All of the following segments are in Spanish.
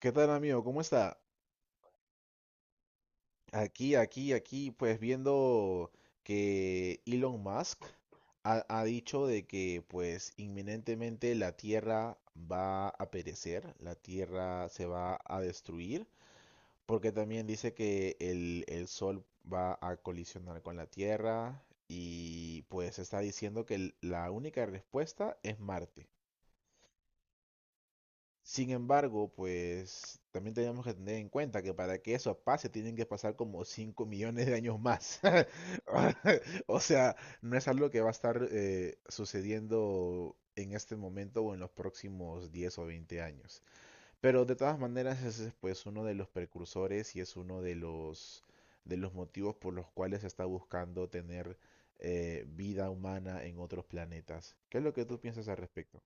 ¿Qué tal, amigo? ¿Cómo está? Aquí, pues viendo que Elon Musk ha dicho de que pues inminentemente la Tierra va a perecer, la Tierra se va a destruir, porque también dice que el Sol va a colisionar con la Tierra y pues está diciendo que la única respuesta es Marte. Sin embargo, pues también tenemos que tener en cuenta que para que eso pase tienen que pasar como 5 millones de años más. O sea, no es algo que va a estar sucediendo en este momento o en los próximos 10 o 20 años. Pero de todas maneras ese es pues uno de los precursores y es uno de los motivos por los cuales se está buscando tener vida humana en otros planetas. ¿Qué es lo que tú piensas al respecto?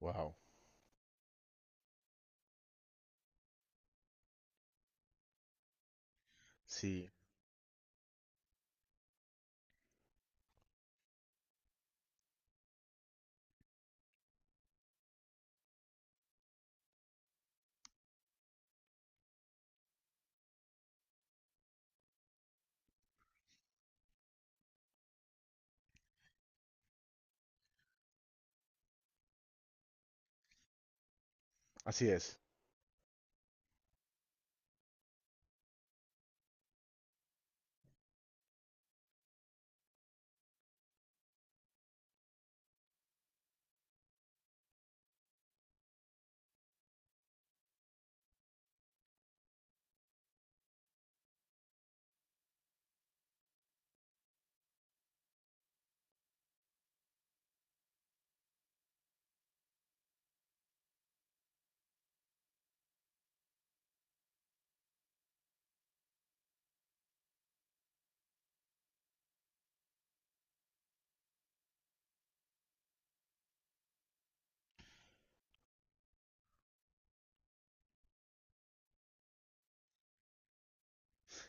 Wow. Sí, así es.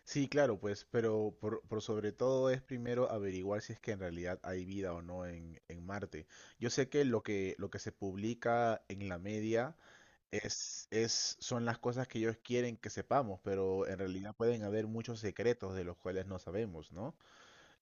Sí, claro, pues, pero por sobre todo es primero averiguar si es que en realidad hay vida o no en, en Marte. Yo sé que lo que, lo que se publica en la media son las cosas que ellos quieren que sepamos, pero en realidad pueden haber muchos secretos de los cuales no sabemos, ¿no?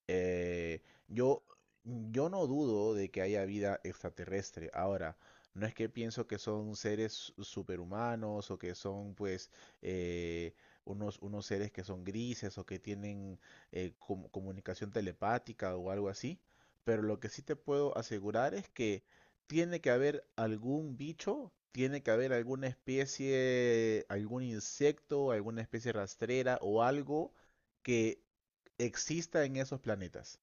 Eh, yo, yo no dudo de que haya vida extraterrestre. Ahora, no es que pienso que son seres superhumanos o que son pues eh, unos seres que son grises o que tienen comunicación telepática o algo así. Pero lo que sí te puedo asegurar es que tiene que haber algún bicho, tiene que haber alguna especie, algún insecto, alguna especie rastrera o algo que exista en esos planetas,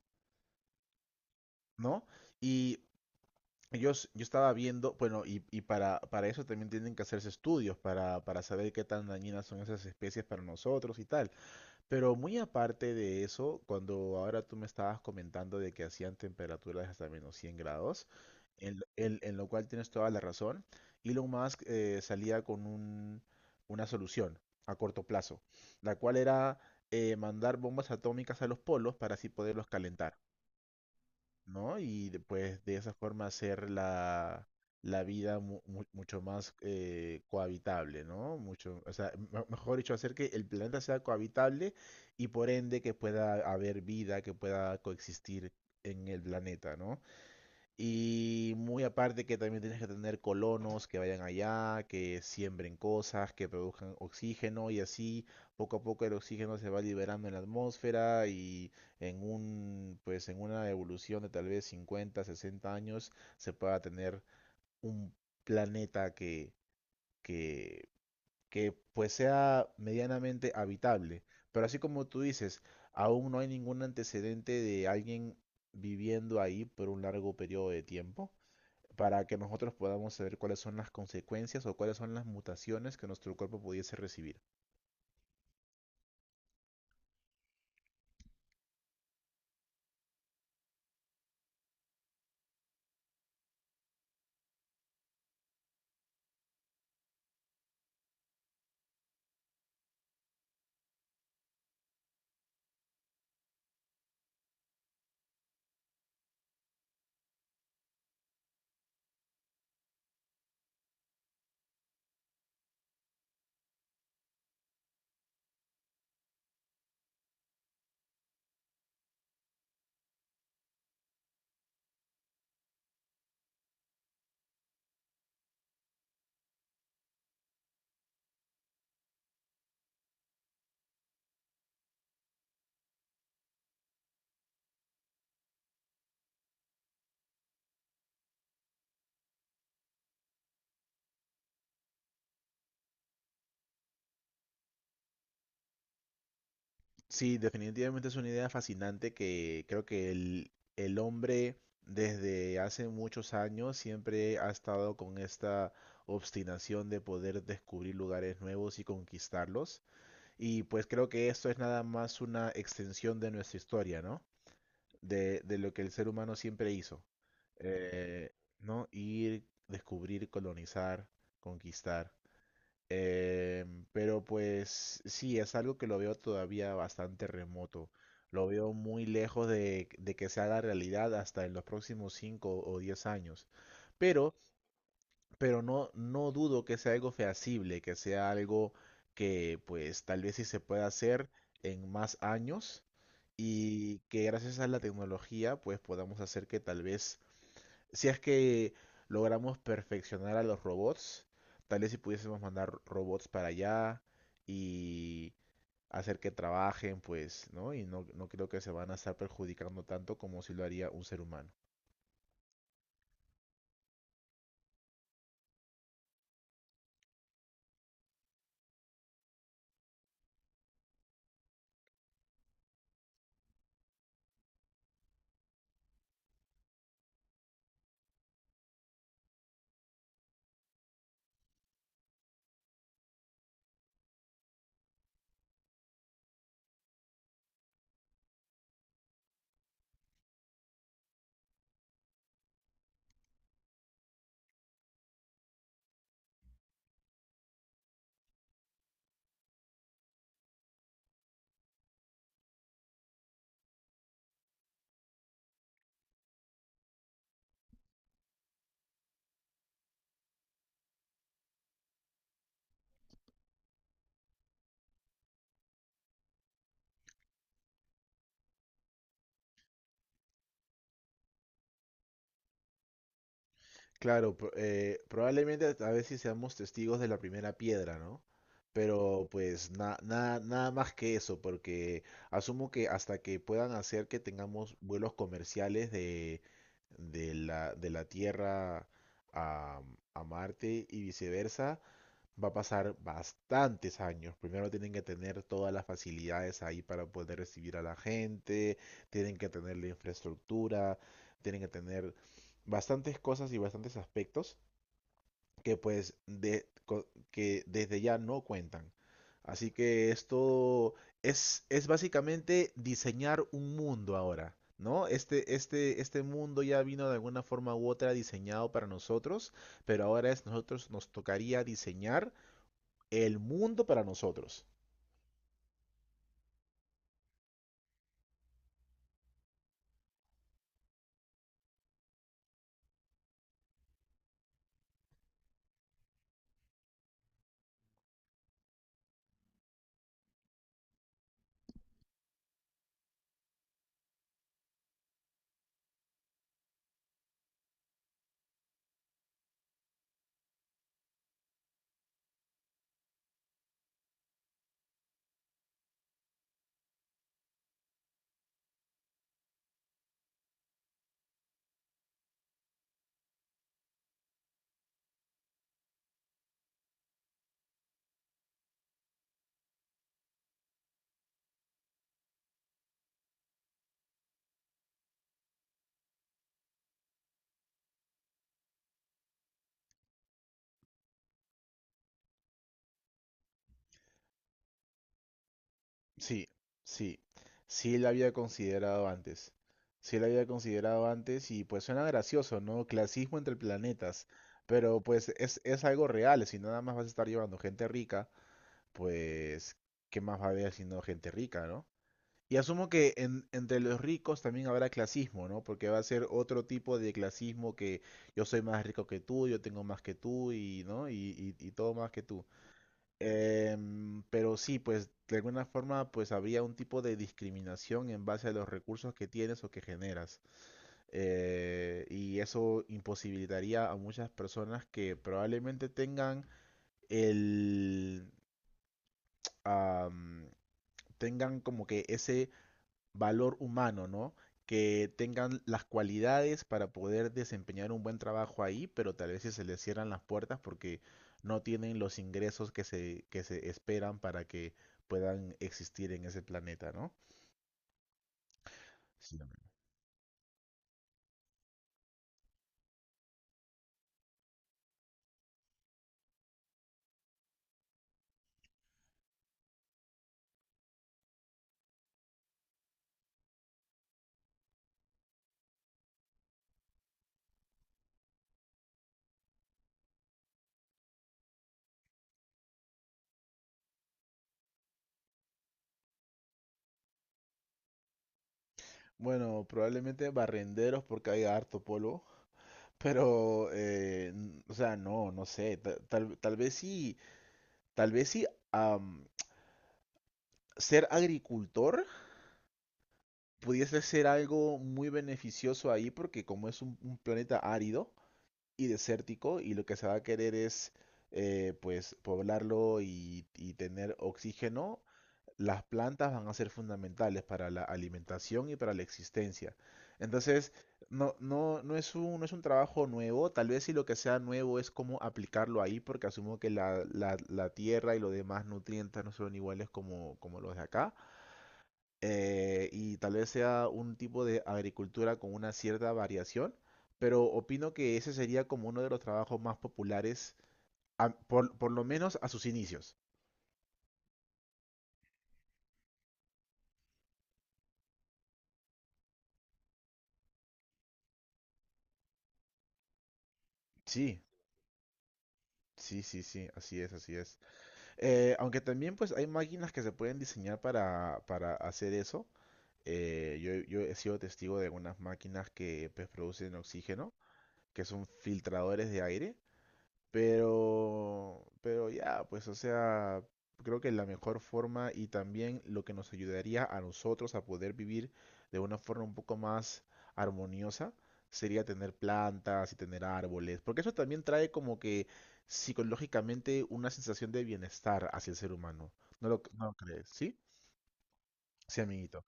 ¿no? Y yo estaba viendo, bueno, y para eso también tienen que hacerse estudios, para saber qué tan dañinas son esas especies para nosotros y tal. Pero muy aparte de eso, cuando ahora tú me estabas comentando de que hacían temperaturas hasta -100 grados, en lo cual tienes toda la razón, Elon Musk salía con una solución a corto plazo, la cual era mandar bombas atómicas a los polos para así poderlos calentar, ¿no? Y pues de esa forma hacer la vida mucho más cohabitable, ¿no? Mucho, o sea, mejor dicho, hacer que el planeta sea cohabitable y por ende que pueda haber vida, que pueda coexistir en el planeta, ¿no? Y muy aparte que también tienes que tener colonos que vayan allá, que siembren cosas, que produzcan oxígeno y así poco a poco el oxígeno se va liberando en la atmósfera y en un pues en una evolución de tal vez 50 60 años se pueda tener un planeta que que pues sea medianamente habitable. Pero así como tú dices, aún no hay ningún antecedente de alguien viviendo ahí por un largo periodo de tiempo para que nosotros podamos saber cuáles son las consecuencias o cuáles son las mutaciones que nuestro cuerpo pudiese recibir. Sí, definitivamente es una idea fascinante que creo que el hombre desde hace muchos años siempre ha estado con esta obstinación de poder descubrir lugares nuevos y conquistarlos. Y pues creo que esto es nada más una extensión de nuestra historia, ¿no? De lo que el ser humano siempre hizo, eh, ¿no? Ir, descubrir, colonizar, conquistar. Eh, pero pues sí, es algo que lo veo todavía bastante remoto. Lo veo muy lejos de que se haga realidad hasta en los próximos 5 o 10 años. Pero no dudo que sea algo feasible, que sea algo que pues tal vez sí se pueda hacer en más años y que gracias a la tecnología pues podamos hacer que tal vez, si es que logramos perfeccionar a los robots, tal vez si pudiésemos mandar robots para allá y hacer que trabajen pues, ¿no? Y no creo que se van a estar perjudicando tanto como si lo haría un ser humano. Claro, probablemente a veces seamos testigos de la primera piedra, ¿no? Pero pues nada más que eso, porque asumo que hasta que puedan hacer que tengamos vuelos comerciales de la Tierra a, a Marte y viceversa, va a pasar bastantes años. Primero tienen que tener todas las facilidades ahí para poder recibir a la gente, tienen que tener la infraestructura, tienen que tener bastantes cosas y bastantes aspectos que pues que desde ya no cuentan. Así que esto es básicamente diseñar un mundo ahora, ¿no? Este mundo ya vino de alguna forma u otra diseñado para nosotros, pero ahora es nosotros nos tocaría diseñar el mundo para nosotros. Sí, sí. Sí la había considerado antes. Sí la había considerado antes y pues suena gracioso, ¿no? Clasismo entre planetas. Pero pues es algo real. Si nada más vas a estar llevando gente rica, pues ¿qué más va a haber sino gente rica, ¿no? Y asumo que entre los ricos también habrá clasismo, ¿no? Porque va a ser otro tipo de clasismo que yo soy más rico que tú, yo tengo más que tú y, ¿no? Y, y todo más que tú. Pero sí, pues de alguna forma pues había un tipo de discriminación en base a los recursos que tienes o que generas. Y eso imposibilitaría a muchas personas que probablemente tengan el am, como que ese valor humano, ¿no? Que tengan las cualidades para poder desempeñar un buen trabajo ahí, pero tal vez si se les cierran las puertas porque no tienen los ingresos que se esperan para que puedan existir en ese planeta, ¿no? Sí. Amén. Bueno, probablemente barrenderos porque hay harto polvo, pero, o sea, no sé, tal vez sí, tal vez sí, am, ser agricultor pudiese ser algo muy beneficioso ahí porque como es un planeta árido y desértico y lo que se va a querer es pues poblarlo y tener oxígeno, las plantas van a ser fundamentales para la alimentación y para la existencia. Entonces, no es un trabajo nuevo, tal vez si lo que sea nuevo es cómo aplicarlo ahí, porque asumo que la tierra y los demás nutrientes no son iguales como los de acá, y tal vez sea un tipo de agricultura con una cierta variación, pero opino que ese sería como uno de los trabajos más populares, por lo menos a sus inicios. Sí, sí, sí, sí, así es, así es. Aunque también pues hay máquinas que se pueden diseñar para hacer eso. Yo he sido testigo de algunas máquinas que pues, producen oxígeno, que son filtradores de aire. Pero ya, pues o sea, creo que la mejor forma y también lo que nos ayudaría a nosotros a poder vivir de una forma un poco más armoniosa sería tener plantas y tener árboles, porque eso también trae como que psicológicamente una sensación de bienestar hacia el ser humano. ¿No lo crees? ¿Sí? Sí, amiguito.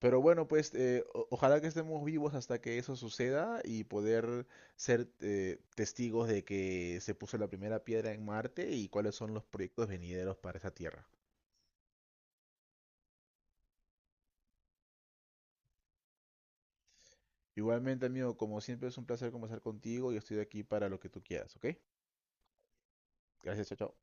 Pero bueno, pues ojalá que estemos vivos hasta que eso suceda y poder ser testigos de que se puso la primera piedra en Marte y cuáles son los proyectos venideros para esa Tierra. Igualmente, amigo, como siempre es un placer conversar contigo y estoy aquí para lo que tú quieras, ¿ok? Gracias, chao, chao.